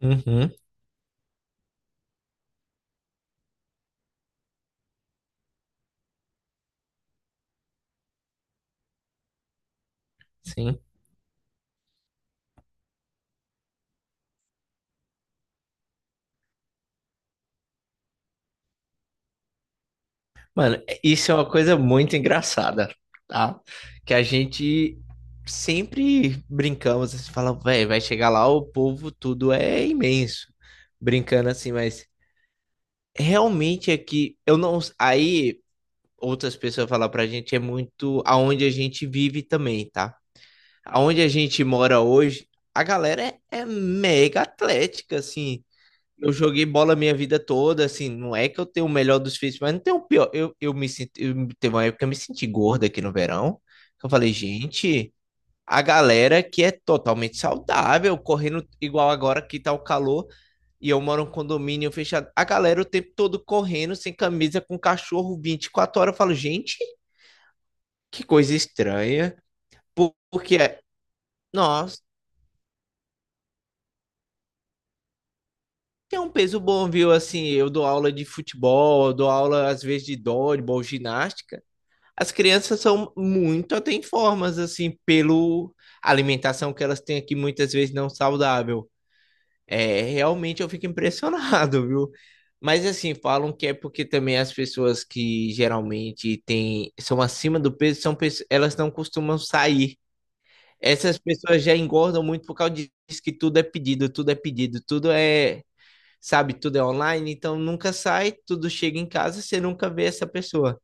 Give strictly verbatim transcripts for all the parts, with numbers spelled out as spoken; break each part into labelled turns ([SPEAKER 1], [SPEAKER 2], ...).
[SPEAKER 1] Uhum, sim. Mano, é, isso é uma coisa muito engraçada, tá? Que a gente sempre brincamos, assim, fala, velho, vai chegar lá, o povo tudo é imenso. Brincando assim, mas realmente é que eu não. Aí outras pessoas falam pra gente, é muito aonde a gente vive também, tá? Aonde a gente mora hoje, a galera é, é mega atlética, assim. Eu joguei bola minha vida toda, assim, não é que eu tenho o melhor dos físicos, mas não tenho o pior. Eu, eu me senti, eu, teve uma época que eu me senti gorda aqui no verão. Eu falei, gente, a galera que é totalmente saudável, correndo igual agora que tá o calor, e eu moro em um condomínio fechado. A galera o tempo todo correndo, sem camisa, com cachorro vinte e quatro horas. Eu falo, gente, que coisa estranha. Por- Porque, é- Nossa, tem um peso bom, viu? Assim, eu dou aula de futebol, eu dou aula às vezes de dodgeball, ginástica. As crianças são muito atenformas, assim, pelo alimentação que elas têm aqui, muitas vezes não saudável. É, realmente eu fico impressionado, viu? Mas assim, falam que é porque também as pessoas que geralmente têm, são acima do peso, são, pe- elas não costumam sair. Essas pessoas já engordam muito por causa disso que tudo é pedido, tudo é pedido, tudo é, sabe, tudo é online, então nunca sai, tudo chega em casa, você nunca vê essa pessoa.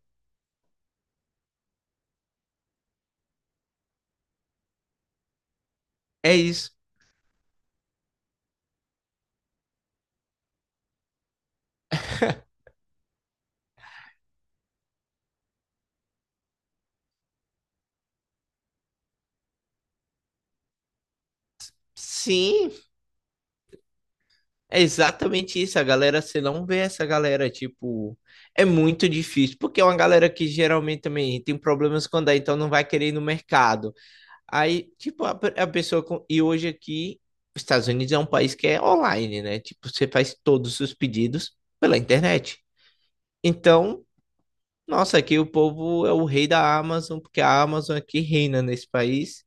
[SPEAKER 1] É isso. Sim. É exatamente isso, a galera, você não vê essa galera, tipo, é muito difícil, porque é uma galera que geralmente também tem problemas quando é, então não vai querer ir no mercado. Aí, tipo, a, a pessoa, com, e hoje aqui, os Estados Unidos é um país que é online, né? Tipo, você faz todos os pedidos pela internet. Então, nossa, aqui o povo é o rei da Amazon, porque a Amazon aqui reina nesse país.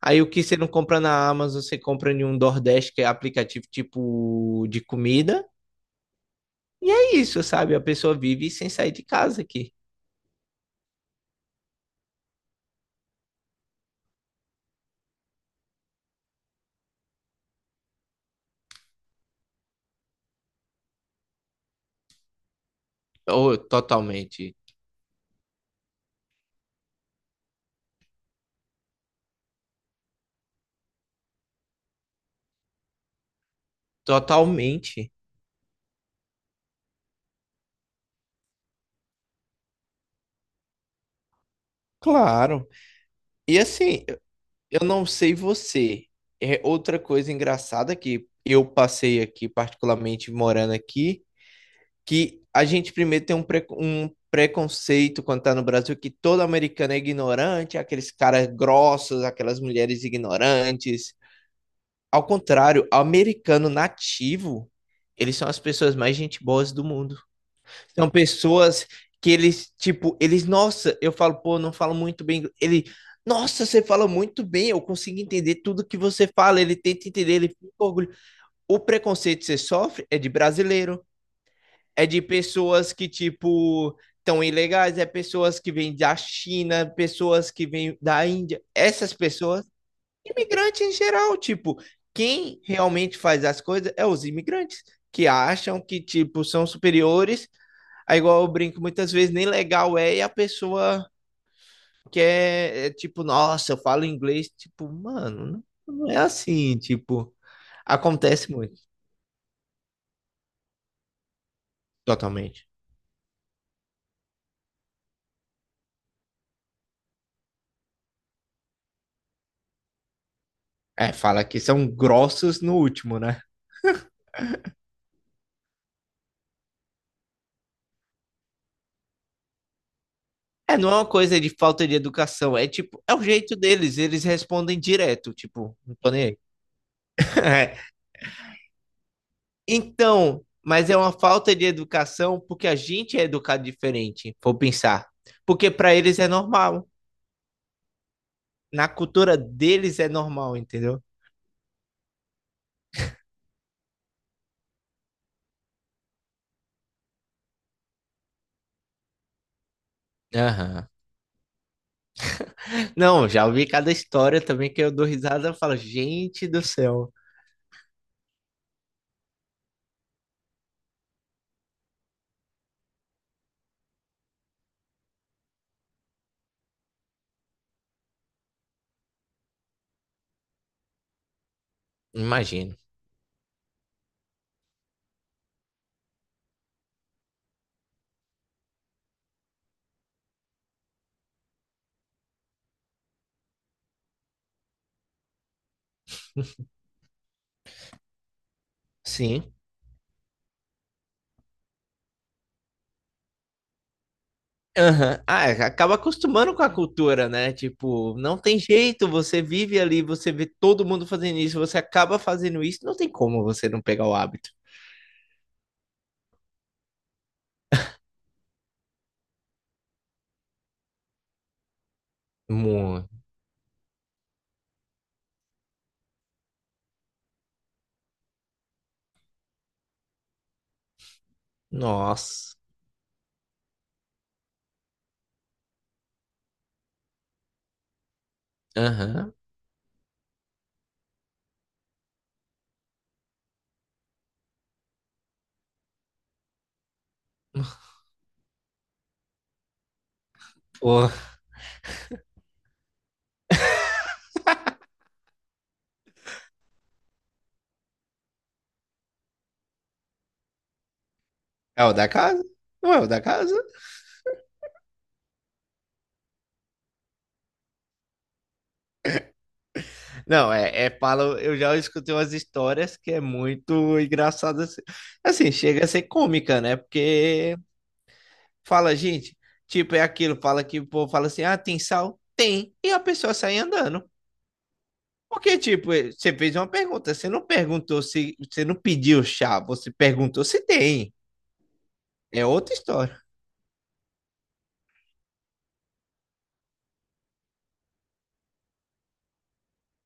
[SPEAKER 1] Aí o que você não compra na Amazon, você compra em um Nordeste, que é aplicativo tipo de comida. E é isso, sabe? A pessoa vive sem sair de casa aqui. Ou totalmente. Totalmente. Claro. E assim, eu não sei você. É outra coisa engraçada que eu passei aqui, particularmente morando aqui, que a gente primeiro tem um, pre- um preconceito quando tá no Brasil que todo americano é ignorante, aqueles caras grossos, aquelas mulheres ignorantes. Ao contrário, americano nativo, eles são as pessoas mais gente boas do mundo. São pessoas que eles, tipo, eles, nossa, eu falo, pô, não falo muito bem. Ele, nossa, você fala muito bem, eu consigo entender tudo que você fala. Ele tenta entender, ele fica orgulhoso. O preconceito que você sofre é de brasileiro, é de pessoas que, tipo, estão ilegais, é pessoas que vêm da China, pessoas que vêm da Índia. Essas pessoas, imigrantes em geral, tipo, quem realmente faz as coisas é os imigrantes, que acham que, tipo, são superiores. Aí, igual eu brinco, muitas vezes nem legal é e a pessoa quer, é, tipo, nossa, eu falo inglês, tipo, mano, não, não é assim, tipo, acontece muito, totalmente. É, fala que são grossos no último, né? É, não é uma coisa de falta de educação, é tipo, é o jeito deles, eles respondem direto, tipo, não tô nem aí. É, então, mas é uma falta de educação porque a gente é educado diferente, vou pensar. Porque pra eles é normal, na cultura deles é normal, entendeu? Aham. Não, já ouvi cada história também que eu dou risada e falo, gente do céu. Imagino. Sim. Aham. Ah, é, acaba acostumando com a cultura, né? Tipo, não tem jeito, você vive ali, você vê todo mundo fazendo isso, você acaba fazendo isso, não tem como você não pegar o hábito. Muito. Nossa. Aham. Pô, é o da casa? Não é o da casa? Não, é, é palo. Eu já escutei umas histórias que é muito engraçada. Assim, assim, chega a ser cômica, né? Porque fala, gente, tipo, é aquilo, fala que o povo fala assim: ah, tem sal? Tem. E a pessoa sai andando. Porque, tipo, eh, você fez uma pergunta, você não perguntou se. Você não pediu chá, você perguntou se tem. É outra história.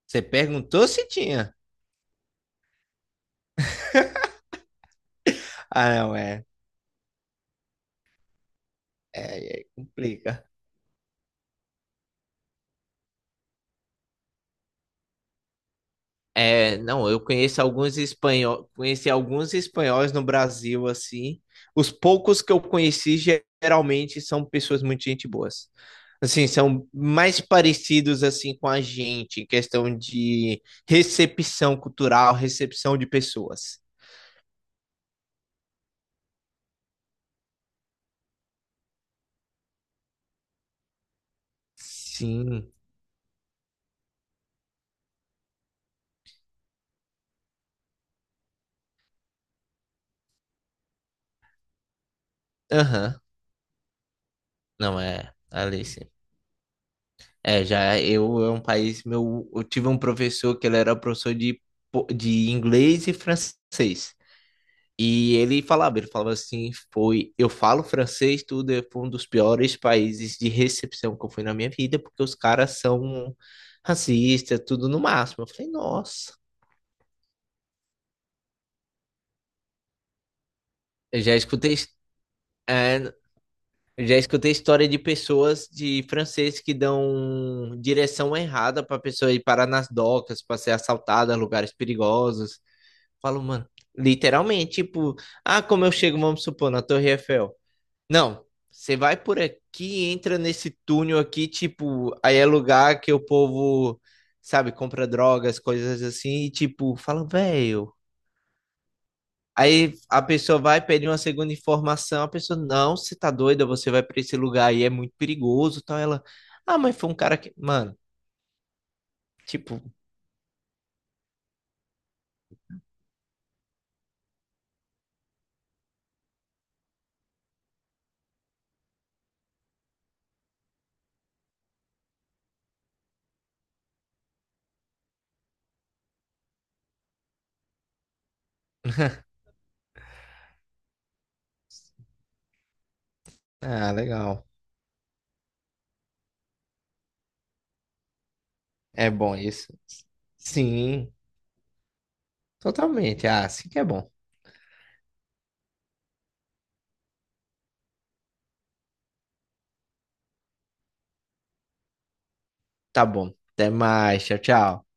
[SPEAKER 1] Você perguntou se tinha. Ah, não, é. É, é complica. É, não, eu conheço alguns espanhóis, conheci alguns espanhóis no Brasil, assim. Os poucos que eu conheci geralmente são pessoas muito gente boas. Assim, são mais parecidos assim com a gente em questão de recepção cultural, recepção de pessoas. Sim. Aham. Não é, Alice. É, já eu é um país meu, eu tive um professor que ele era professor de po- de inglês e francês. E ele falava, ele falava assim, foi, eu falo francês, tudo é foi um dos piores países de recepção que eu fui na minha vida, porque os caras são racistas, tudo no máximo. Eu falei, nossa, eu já escutei, his- é, eu já escutei história de pessoas de francês que dão direção errada para pessoa ir parar nas docas, para ser assaltada, lugares perigosos. Falo, mano, literalmente, tipo, ah, como eu chego, vamos supor, na Torre Eiffel. Não, você vai por aqui, entra nesse túnel aqui, tipo, aí é lugar que o povo, sabe, compra drogas, coisas assim, e tipo, fala, velho. Aí a pessoa vai pedir uma segunda informação, a pessoa, não, você tá doida, você vai pra esse lugar aí, é muito perigoso, tal. Ela, ah, mas foi um cara que, mano, tipo, ah, legal. É bom isso. Sim, totalmente. Ah, sim que é bom. Tá bom. Até mais, tchau, tchau.